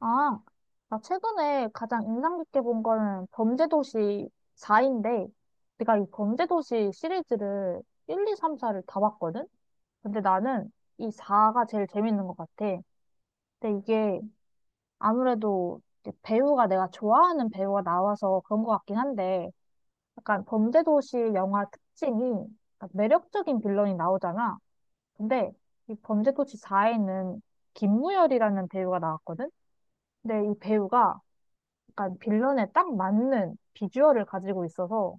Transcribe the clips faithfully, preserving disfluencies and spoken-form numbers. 아, 나 최근에 가장 인상 깊게 본 거는 범죄도시 사인데, 내가 이 범죄도시 시리즈를 일, 이, 쓰리, 사를 다 봤거든? 근데 나는 이 사가 제일 재밌는 것 같아. 근데 이게 아무래도 이제 배우가 내가 좋아하는 배우가 나와서 그런 것 같긴 한데, 약간 범죄도시 영화 특징이 약간 매력적인 빌런이 나오잖아. 근데 이 범죄도시 사에는 김무열이라는 배우가 나왔거든? 근데 이 배우가 약간 빌런에 딱 맞는 비주얼을 가지고 있어서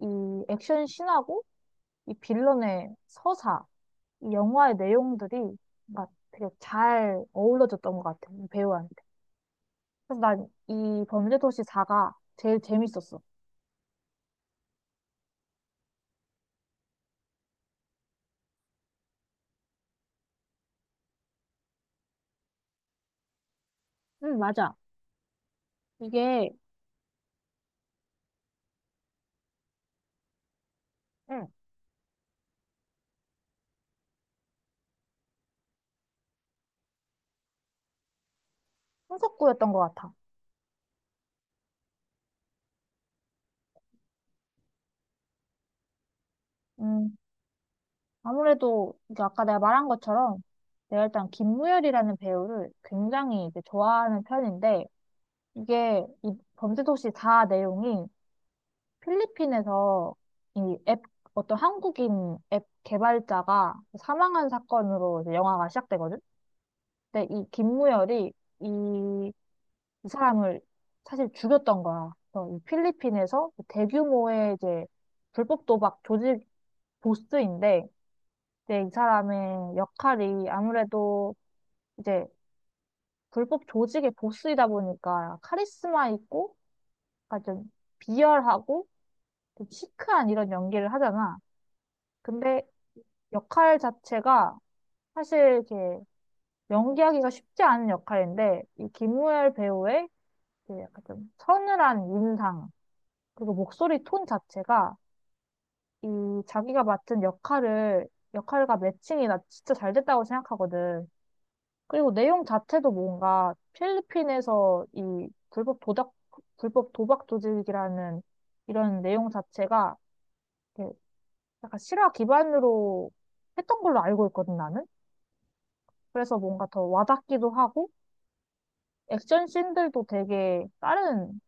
이 액션 씬하고 이 빌런의 서사, 이 영화의 내용들이 막 되게 잘 어우러졌던 것 같아, 이 배우한테. 그래서 난 이 범죄도시 사가 제일 재밌었어. 응, 맞아. 이게, 응, 손석구였던 것 같아. 음, 아무래도 이게 아까 내가 말한 것처럼 내가 일단 김무열이라는 배우를 굉장히 이제 좋아하는 편인데 이게 이 범죄도시 사 내용이 필리핀에서 이 앱, 어떤 한국인 앱 개발자가 사망한 사건으로 이제 영화가 시작되거든? 근데 이 김무열이 이, 이 사람을 사실 죽였던 거야. 그래서 이 필리핀에서 대규모의 이제 불법 도박 조직 보스인데, 이제 이 사람의 역할이 아무래도 이제 불법 조직의 보스이다 보니까 카리스마 있고, 약간 좀 비열하고, 좀 시크한 이런 연기를 하잖아. 근데 역할 자체가 사실 이렇게 연기하기가 쉽지 않은 역할인데 이 김무열 배우의 그 약간 좀 서늘한 인상 그리고 목소리 톤 자체가 이 자기가 맡은 역할을 역할과 매칭이 나 진짜 잘 됐다고 생각하거든. 그리고 내용 자체도 뭔가 필리핀에서 이 불법 도박 불법 도박 조직이라는 이런 내용 자체가 이렇게 약간 실화 기반으로 했던 걸로 알고 있거든 나는. 그래서 뭔가 더 와닿기도 하고 액션 씬들도 되게 다른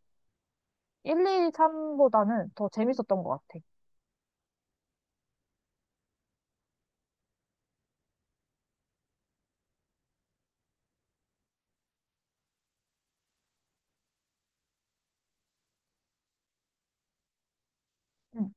일, 이, 삼보다는 더 재밌었던 것 같아. 응.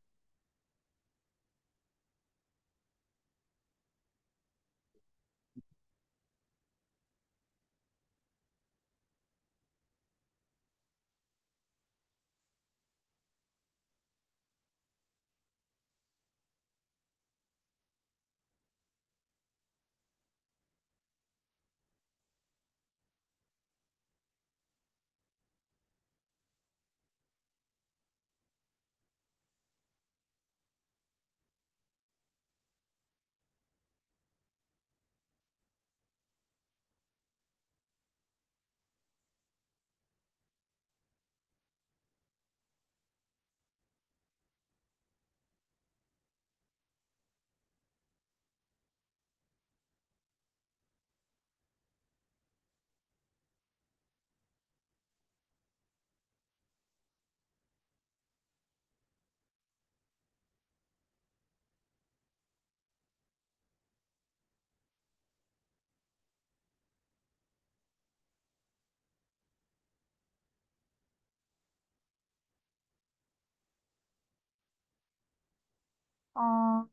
아,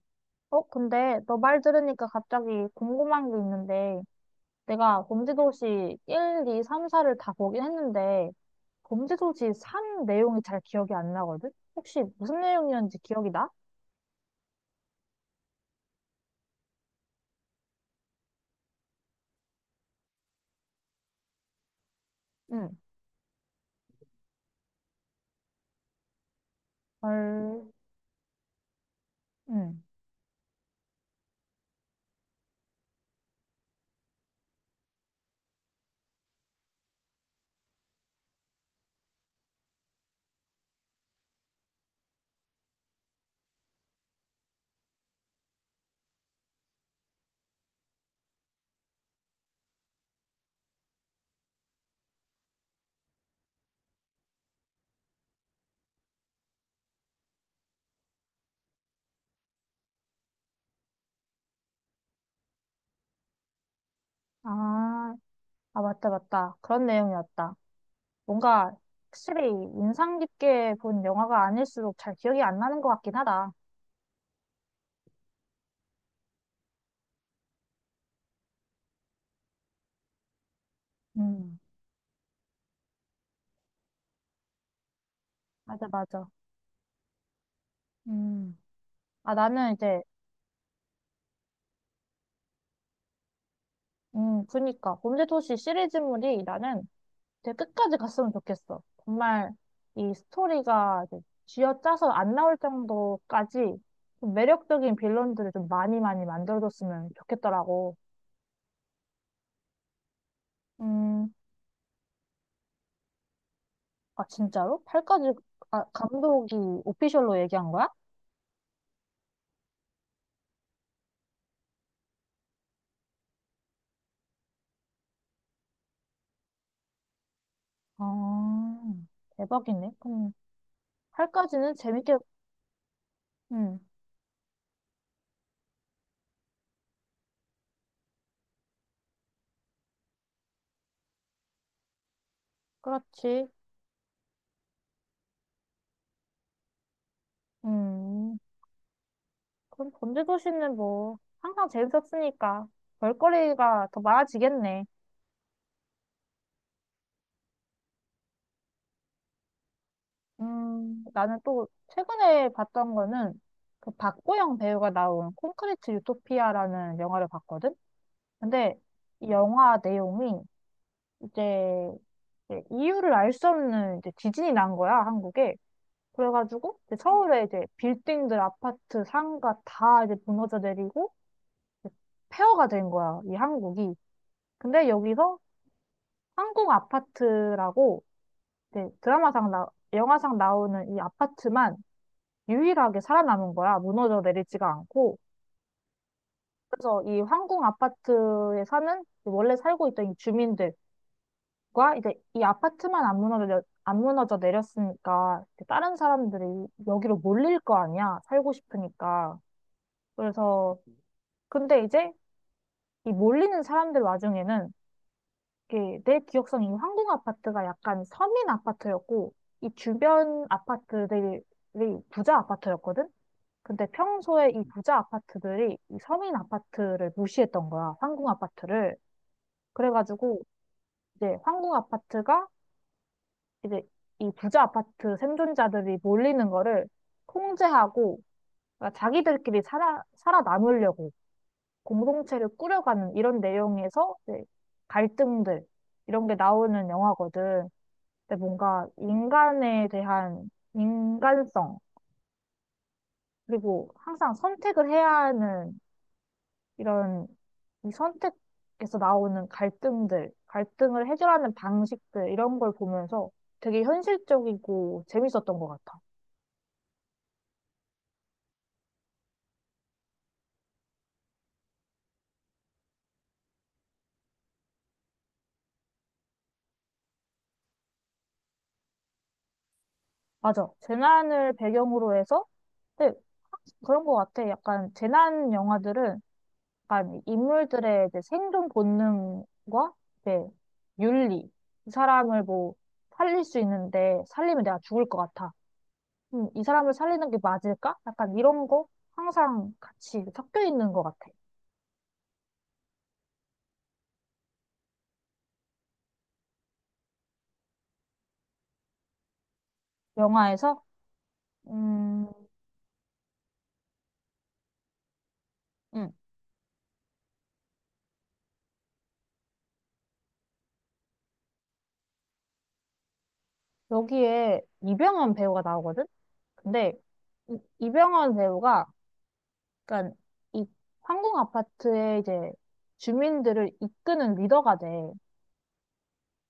어, 근데 너 말 들으니까 갑자기 궁금한 게 있는데, 내가 범죄도시 일, 이, 쓰리, 사를 다 보긴 했는데, 범죄도시 삼 내용이 잘 기억이 안 나거든? 혹시 무슨 내용이었는지 기억이 나? 응. 헐, 응. 아, 아, 맞다, 맞다. 그런 내용이었다. 뭔가 확실히 인상 깊게 본 영화가 아닐수록 잘 기억이 안 나는 것 같긴 하다. 음, 맞아, 맞아. 음. 아, 나는 이제, 음, 그니까. 범죄도시 시리즈물이 나는 되게 끝까지 갔으면 좋겠어. 정말 이 스토리가 이제 쥐어짜서 안 나올 정도까지 좀 매력적인 빌런들을 좀 많이 많이 만들어줬으면 좋겠더라고. 음, 아, 진짜로? 팔까지 아, 감독이 오피셜로 얘기한 거야? 아, 대박이네. 그럼 팔까지는 재밌게, 음, 그렇지. 음. 그럼 범죄도시는 뭐 항상 재밌었으니까 볼거리가 더 많아지겠네. 음, 나는 또 최근에 봤던 거는 그 박보영 배우가 나온 콘크리트 유토피아라는 영화를 봤거든? 근데 이 영화 내용이 이제 이제 이유를 알 수 없는 이제 지진이 난 거야, 한국에. 그래가지고 이제 서울에 이제 빌딩들, 아파트, 상가 다 이제 무너져 내리고 이제 폐허가 된 거야, 이 한국이. 근데 여기서 한국 아파트라고 이제 드라마상 나, 영화상 나오는 이 아파트만 유일하게 살아남은 거야. 무너져 내리지가 않고. 그래서 이 황궁 아파트에 사는 원래 살고 있던 이 주민들과 이제 이 아파트만 안 무너져 안 무너져 내렸으니까 이제 다른 사람들이 여기로 몰릴 거 아니야. 살고 싶으니까. 그래서 근데 이제 이 몰리는 사람들 와중에는 예, 내 기억상에 이 황궁 아파트가 약간 서민 아파트였고, 이 주변 아파트들이 부자 아파트였거든? 근데 평소에 이 부자 아파트들이 이 서민 아파트를 무시했던 거야, 황궁 아파트를. 그래가지고, 이제 황궁 아파트가 이제 이 부자 아파트 생존자들이 몰리는 거를 통제하고, 그러니까 자기들끼리 살아, 살아남으려고 공동체를 꾸려가는 이런 내용에서 이제 갈등들, 이런 게 나오는 영화거든. 근데 뭔가 인간에 대한 인간성, 그리고 항상 선택을 해야 하는 이런 이 선택에서 나오는 갈등들, 갈등을 해결하는 방식들, 이런 걸 보면서 되게 현실적이고 재밌었던 것 같아. 맞아. 재난을 배경으로 해서, 근데 그런 것 같아. 약간 재난 영화들은 약간 인물들의 이제 생존 본능과 이제 윤리. 이 사람을 뭐 살릴 수 있는데 살리면 내가 죽을 것 같아. 음, 이 사람을 살리는 게 맞을까? 약간 이런 거 항상 같이 섞여 있는 것 같아. 영화에서 음, 음, 여기에 이병헌 배우가 나오거든. 근데 이, 이병헌 배우가 약간 이 황궁 아파트의 이제 주민들을 이끄는 리더가 돼.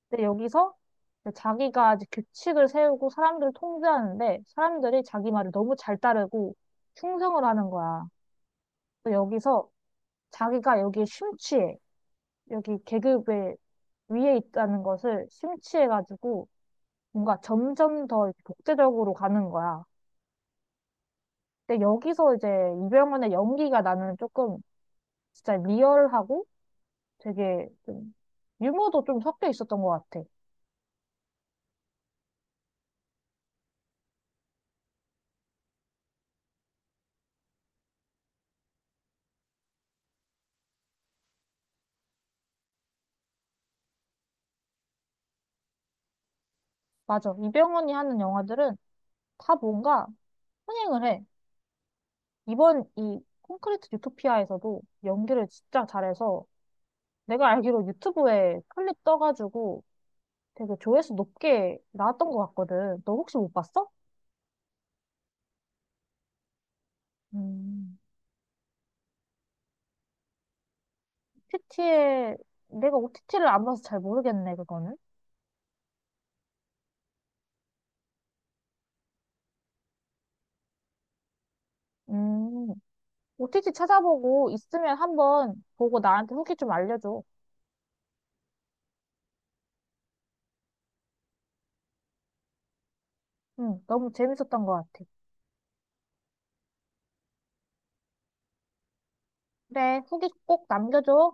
근데 여기서 이제 자기가 이제 규칙을 세우고 사람들을 통제하는데 사람들이 자기 말을 너무 잘 따르고 충성을 하는 거야. 또 여기서 자기가 여기에 심취해. 여기 계급의 위에 있다는 것을 심취해가지고 뭔가 점점 더 이렇게 독재적으로 가는 거야. 근데 여기서 이제 이병헌의 연기가 나는 조금 진짜 리얼하고 되게 좀 유머도 좀 섞여 있었던 것 같아. 맞아. 이병헌이 하는 영화들은 다 뭔가 흥행을 해. 이번 이 콘크리트 유토피아에서도 연기를 진짜 잘해서 내가 알기로 유튜브에 클립 떠가지고 되게 조회수 높게 나왔던 것 같거든. 너 혹시 못 봤어? 음, 오티티에, 내가 오티티를 안 봐서 잘 모르겠네, 그거는. 음, 오티티 찾아보고 있으면 한번 보고 나한테 후기 좀 알려줘. 응, 너무 재밌었던 것 같아. 그래, 후기 꼭 남겨줘.